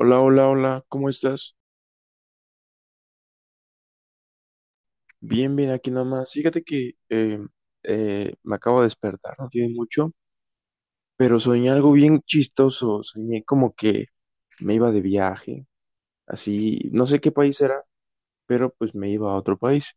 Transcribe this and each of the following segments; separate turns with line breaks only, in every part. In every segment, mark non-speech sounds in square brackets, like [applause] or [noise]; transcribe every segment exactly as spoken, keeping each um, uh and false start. Hola, hola, hola, ¿cómo estás? Bien, bien, aquí nada más. Fíjate que eh, eh, me acabo de despertar, no tiene mucho, pero soñé algo bien chistoso. Soñé como que me iba de viaje, así, no sé qué país era, pero pues me iba a otro país.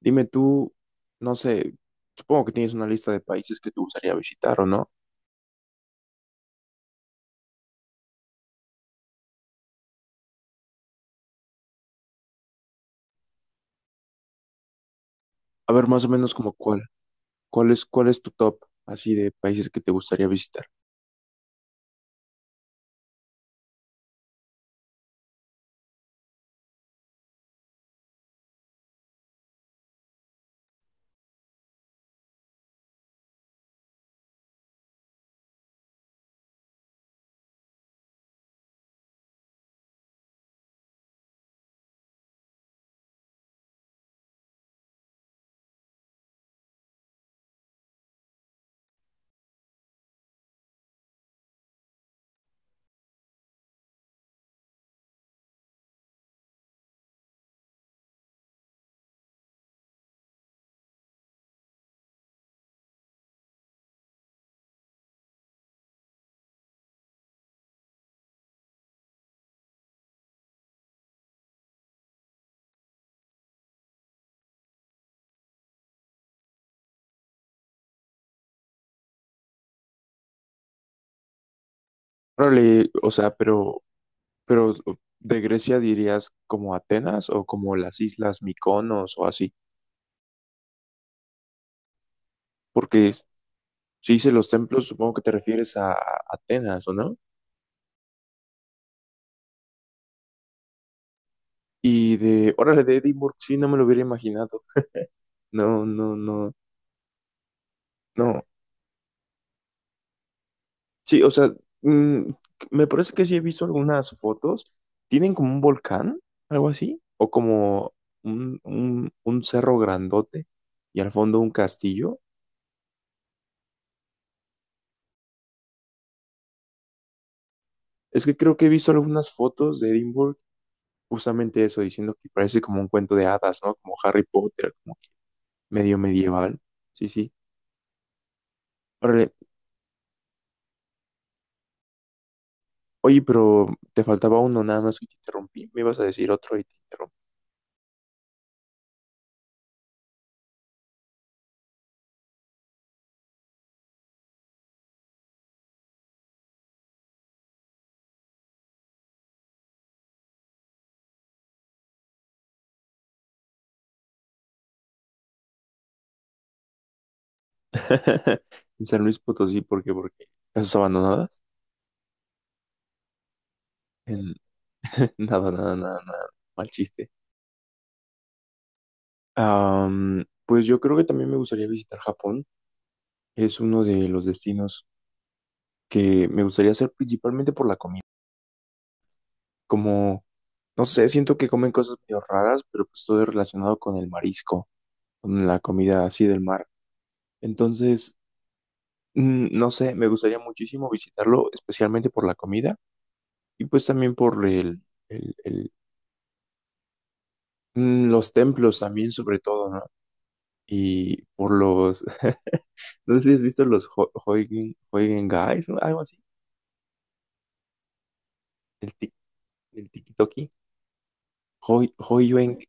Dime tú, no sé, supongo que tienes una lista de países que te gustaría visitar, ¿o no? A ver, más o menos como cuál, cuál es, cuál es tu top, así de países que te gustaría visitar. Órale, o sea, pero... Pero de Grecia dirías como Atenas o como las islas Mykonos o así, porque si dices los templos, supongo que te refieres a Atenas, ¿o no? Y de, órale, de Edimburgo, sí, no me lo hubiera imaginado. No, no, no, no. Sí, o sea, mm, me parece que sí he visto algunas fotos. Tienen como un volcán, algo así, o como un, un, un cerro grandote y al fondo un castillo. Es que creo que he visto algunas fotos de Edimburgo. Justamente eso, diciendo que parece como un cuento de hadas, ¿no? Como Harry Potter, como que medio medieval. Sí, sí. Órale. Oye, pero te faltaba uno, nada más que te interrumpí. Me ibas a decir otro y te interrumpí. [laughs] En San Luis Potosí, ¿por qué? Porque casas abandonadas. En- [laughs] Nada, nada, nada, nada. Mal chiste. Am, pues yo creo que también me gustaría visitar Japón. Es uno de los destinos que me gustaría hacer principalmente por la comida. Como, no sé, siento que comen cosas medio raras, pero pues todo es relacionado con el marisco, con la comida así del mar. Entonces, mm, no sé, me gustaría muchísimo visitarlo, especialmente por la comida y pues también por el, el- el- mm, los templos también, sobre todo, ¿no? Y por los, [laughs] no sé si has visto los Ho- Huygen, Huygen Guys o algo así, el, tic- el Tiki-Toki, Huy- Huiyuan,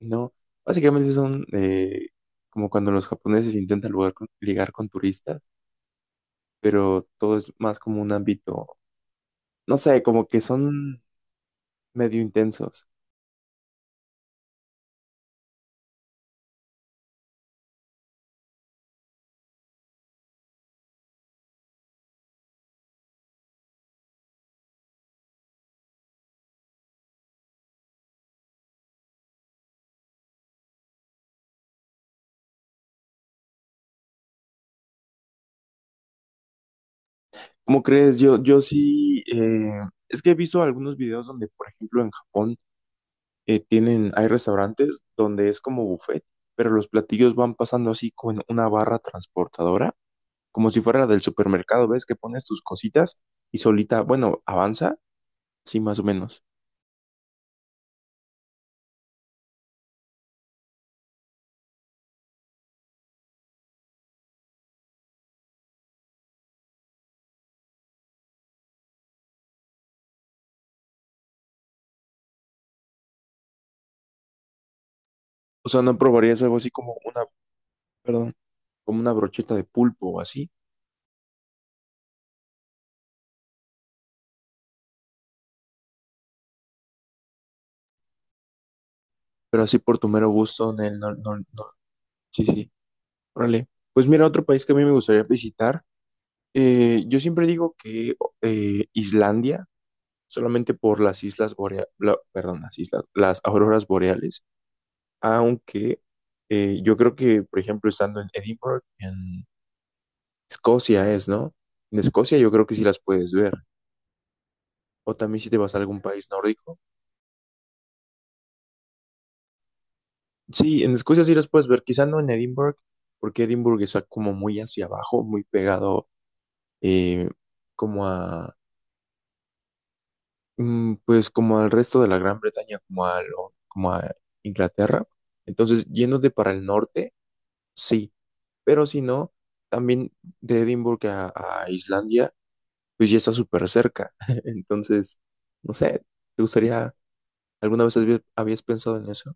¿no? Básicamente son eh, como cuando los japoneses intentan lugar con- ligar con turistas, pero todo es más como un ámbito, no sé, como que son medio intensos. ¿Cómo crees? Yo, yo sí, eh, es que he visto algunos videos donde, por ejemplo, en Japón eh, tienen, hay restaurantes donde es como buffet, pero los platillos van pasando así con una barra transportadora, como si fuera la del supermercado, ¿ves? Que pones tus cositas y solita, bueno, avanza, sí, más o menos. O sea, no probarías algo así como una, perdón, como una brocheta de pulpo o así, pero así por tu mero gusto, Nel, no, no, no, sí, sí, órale. Pues mira, otro país que a mí me gustaría visitar. Eh, yo siempre digo que eh, Islandia, solamente por las islas boreales, perdón, las islas, las auroras boreales, aunque eh, yo creo que, por ejemplo, estando en Edinburgh, en Escocia es, ¿no? En Escocia yo creo que sí las puedes ver. O también si te vas a algún país nórdico. Sí, en Escocia sí las puedes ver, quizá no en Edinburgh, porque Edinburgh está como muy hacia abajo, muy pegado eh, como a... Mm, Pues como al resto de la Gran Bretaña, como a, lo- como a Inglaterra. Entonces, yéndote para el norte, sí, pero si no, también de Edimburgo a, a Islandia, pues ya está súper cerca. [laughs] Entonces, no sé, ¿te gustaría, alguna vez habías, habías pensado en eso?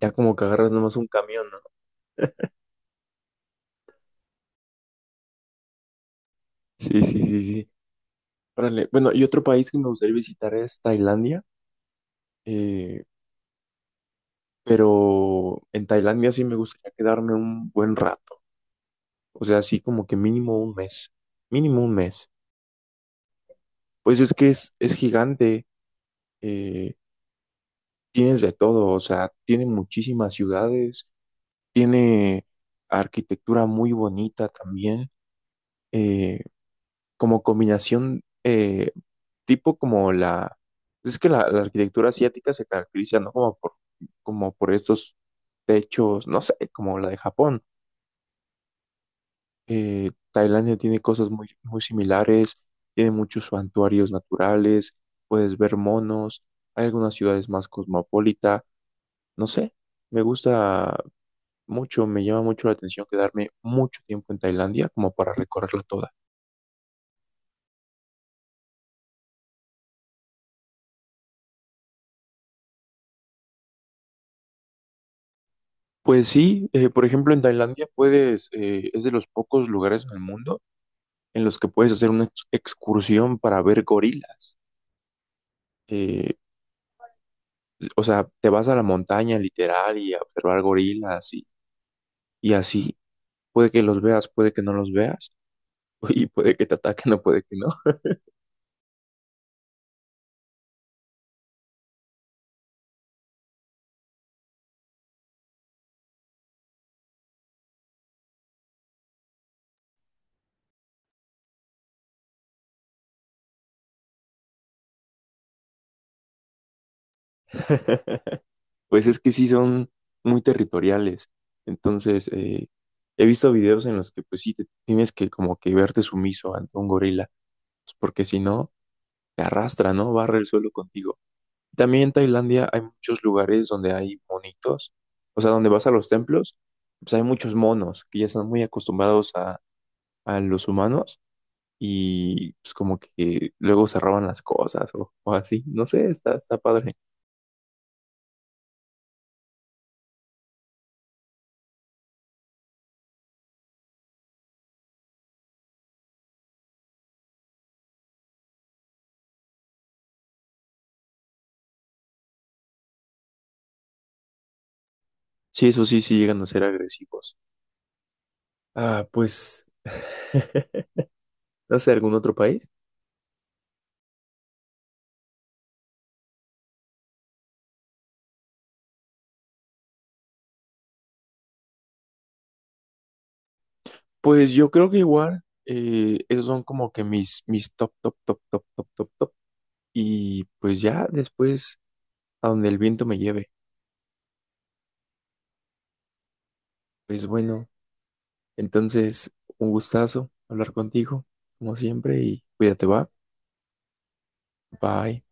Ya como que agarras nomás un camión, ¿no? Sí, sí, sí, sí. Órale. Bueno, y otro país que me gustaría visitar es Tailandia, eh, pero en Tailandia sí me gustaría quedarme un buen rato. O sea, así como que mínimo un mes, mínimo un mes. Pues es que es, es gigante, eh, tienes de todo, o sea, tiene muchísimas ciudades, tiene arquitectura muy bonita también, eh, como combinación, eh, tipo como la... Es que la, la arquitectura asiática se caracteriza, ¿no? Como por, como por estos techos, no sé, como la de Japón. Eh, Tailandia tiene cosas muy, muy similares, tiene muchos santuarios naturales, puedes ver monos, hay algunas ciudades más cosmopolita, no sé, me gusta mucho, me llama mucho la atención quedarme mucho tiempo en Tailandia como para recorrerla toda. Pues sí, eh, por ejemplo, en Tailandia puedes, eh, es de los pocos lugares en el mundo en los que puedes hacer una ex- excursión para ver gorilas. Eh, o sea, te vas a la montaña literal y a observar gorilas y, y así. Puede que los veas, puede que no los veas, [laughs] y puede que te ataquen o puede que no. [laughs] Pues es que sí son muy territoriales. Entonces, eh, he visto videos en los que pues sí te tienes que como que verte sumiso ante un gorila, pues, porque si no, te arrastra, ¿no? Barre el suelo contigo. También en Tailandia hay muchos lugares donde hay monitos, o sea, donde vas a los templos, pues hay muchos monos que ya están muy acostumbrados a, a los humanos y pues como que luego se roban las cosas o, o así. No sé, está, está padre. Sí, eso sí, sí llegan a ser agresivos. Ah, pues, [laughs] no sé, ¿algún otro país? Pues yo creo que igual, eh, esos son como que mis, mis top, top, top, top, top, top, top. Y pues ya después, a donde el viento me lleve. Pues bueno, entonces, un gustazo hablar contigo, como siempre, y cuídate, va. Bye.